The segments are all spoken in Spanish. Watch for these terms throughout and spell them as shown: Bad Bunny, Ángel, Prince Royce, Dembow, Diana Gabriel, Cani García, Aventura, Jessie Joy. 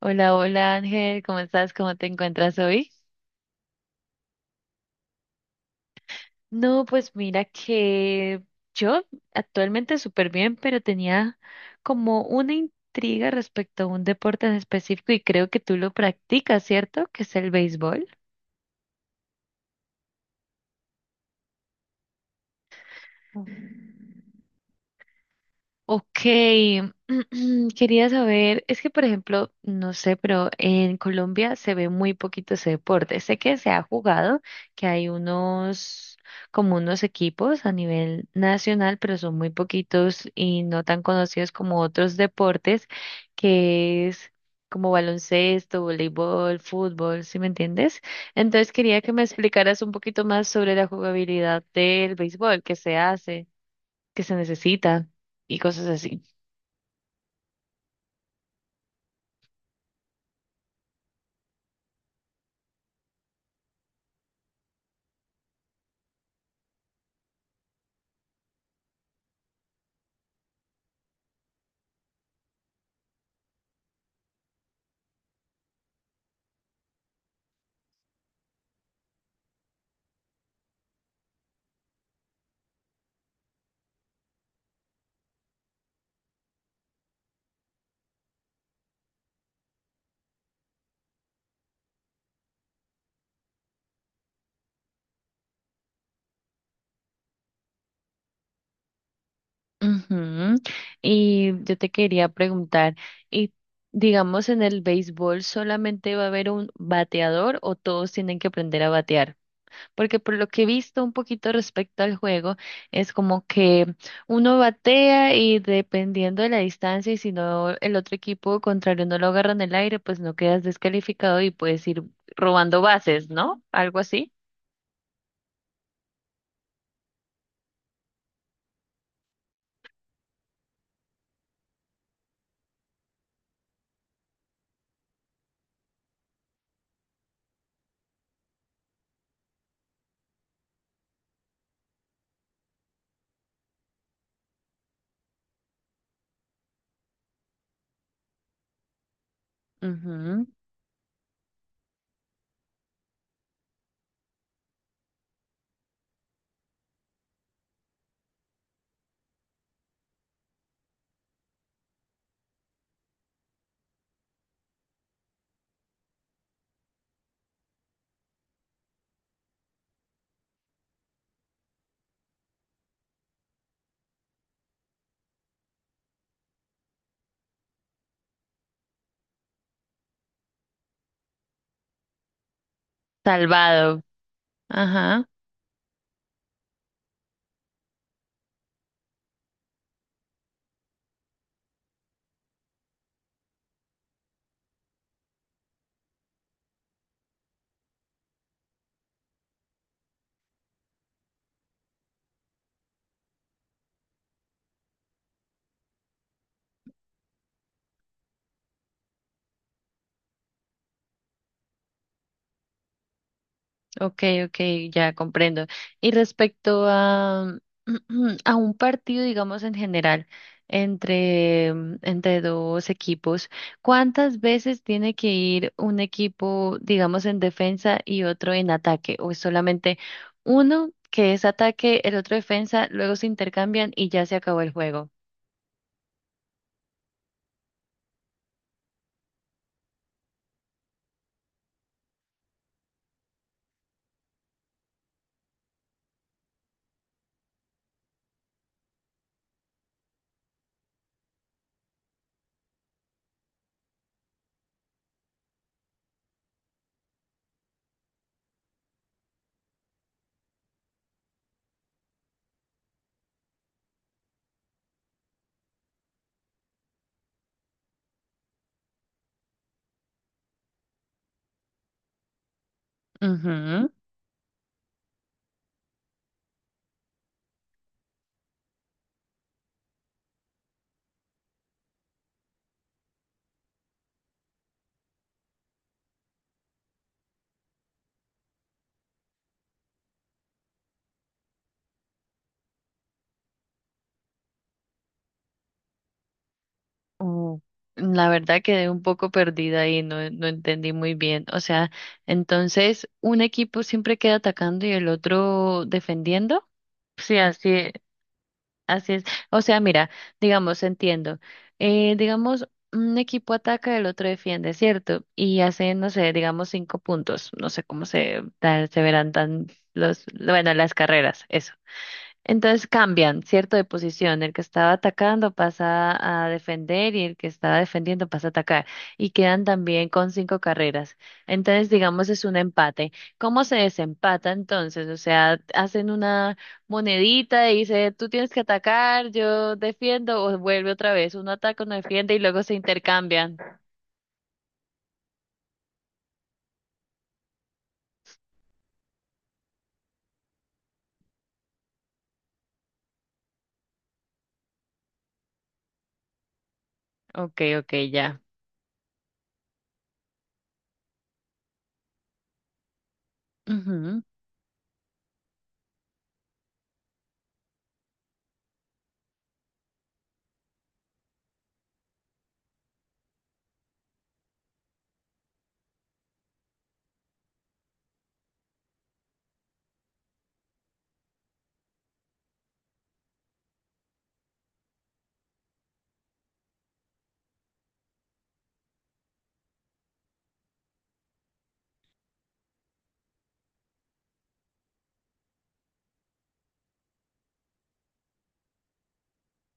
Hola, hola Ángel, ¿cómo estás? ¿Cómo te encuentras hoy? No, pues mira que yo actualmente súper bien, pero tenía como una intriga respecto a un deporte en específico y creo que tú lo practicas, ¿cierto? Que es el béisbol. Ok, quería saber, es que por ejemplo, no sé, pero en Colombia se ve muy poquito ese deporte. Sé que se ha jugado, que hay unos, como unos equipos a nivel nacional, pero son muy poquitos y no tan conocidos como otros deportes, que es como baloncesto, voleibol, fútbol, ¿sí me entiendes? Entonces quería que me explicaras un poquito más sobre la jugabilidad del béisbol, qué se hace, qué se necesita y cosas así. Ujú. Y yo te quería preguntar, y digamos, ¿en el béisbol solamente va a haber un bateador o todos tienen que aprender a batear? Porque por lo que he visto un poquito respecto al juego, es como que uno batea y dependiendo de la distancia y si no el otro equipo contrario no lo agarra en el aire, pues no quedas descalificado y puedes ir robando bases, ¿no? Algo así. Ujú. Salvado. Ajá. Okay, okay, ya comprendo. Y respecto a, a un partido, digamos en general, entre, entre dos equipos, ¿cuántas veces tiene que ir un equipo, digamos, en defensa y otro en ataque? ¿O es solamente uno que es ataque, el otro defensa, luego se intercambian y ya se acabó el juego? Ujú. Oh, la verdad quedé un poco perdida ahí, no entendí muy bien. O sea, entonces un equipo siempre queda atacando y el otro defendiendo. Sí, así, así es. O sea, mira, digamos, entiendo. Digamos, un equipo ataca, el otro defiende, ¿cierto? Y hace, no sé, digamos cinco puntos. No sé cómo se, se verán tan los, bueno, las carreras, eso. Entonces cambian, ¿cierto? De posición. El que estaba atacando pasa a defender y el que estaba defendiendo pasa a atacar. Y quedan también con cinco carreras. Entonces, digamos, es un empate. ¿Cómo se desempata entonces? O sea, ¿hacen una monedita y dice, tú tienes que atacar, yo defiendo, o vuelve otra vez? Uno ataca, uno defiende y luego se intercambian. Ok, ok, ya. Ujú.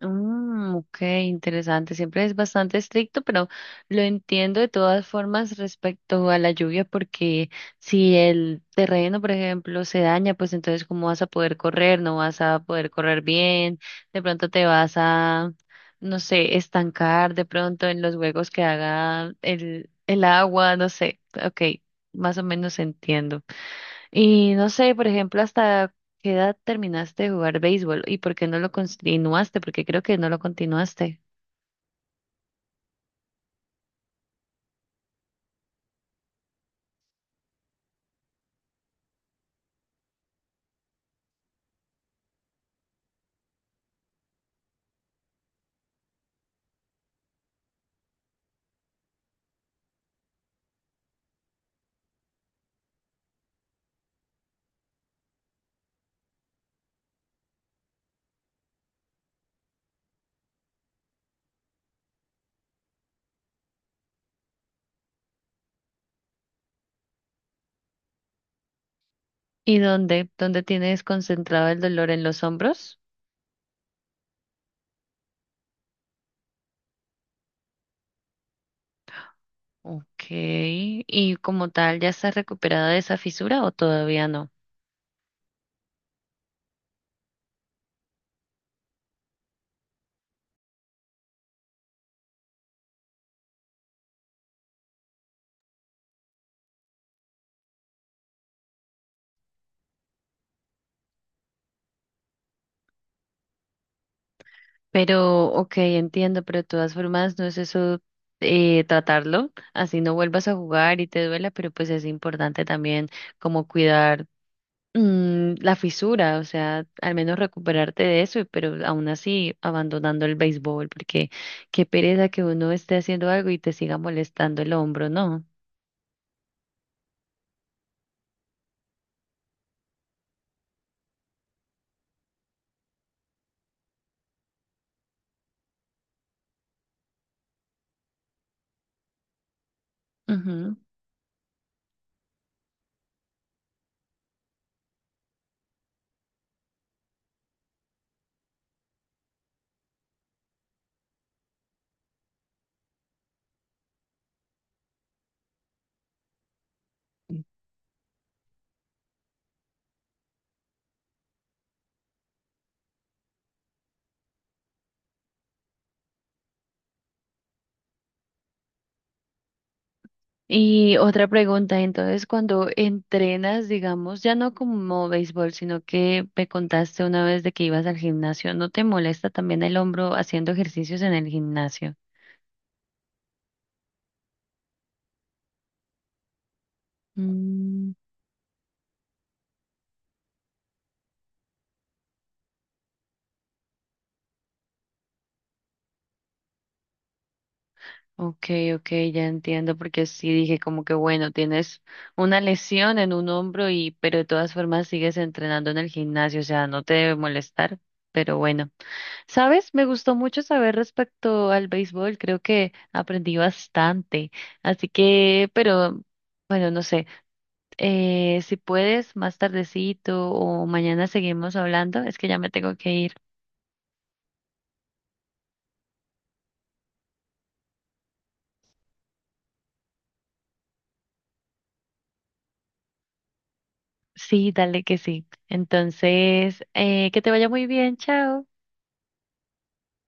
Mm, ok, interesante. Siempre es bastante estricto, pero lo entiendo de todas formas respecto a la lluvia, porque si el terreno, por ejemplo, se daña, pues entonces ¿cómo vas a poder correr? No vas a poder correr bien, de pronto te vas a, no sé, estancar de pronto en los huecos que haga el agua, no sé. Ok, más o menos entiendo. Y no sé, por ejemplo, hasta qué edad terminaste de jugar béisbol y por qué no lo continuaste, porque creo que no lo continuaste. ¿Y dónde? ¿Dónde tienes concentrado el dolor en los hombros? Ok. ¿Y como tal ya estás recuperada de esa fisura o todavía no? Pero, ok, entiendo, pero de todas formas no es eso, tratarlo, así no vuelvas a jugar y te duela, pero pues es importante también como cuidar, mm, la fisura, o sea, al menos recuperarte de eso, pero aún así abandonando el béisbol, porque qué pereza que uno esté haciendo algo y te siga molestando el hombro, ¿no? Ujú. Y otra pregunta, entonces, cuando entrenas, digamos, ya no como béisbol, sino que me contaste una vez de que ibas al gimnasio, ¿no te molesta también el hombro haciendo ejercicios en el gimnasio? Mm. Okay, okay, ya entiendo, porque sí dije como que bueno, tienes una lesión en un hombro y, pero de todas formas sigues entrenando en el gimnasio, o sea, no te debe molestar, pero bueno, ¿sabes? Me gustó mucho saber respecto al béisbol, creo que aprendí bastante, así que, pero bueno, no sé, si puedes más tardecito o mañana seguimos hablando, es que ya me tengo que ir. Sí, dale que sí. Entonces, que te vaya muy bien, chao.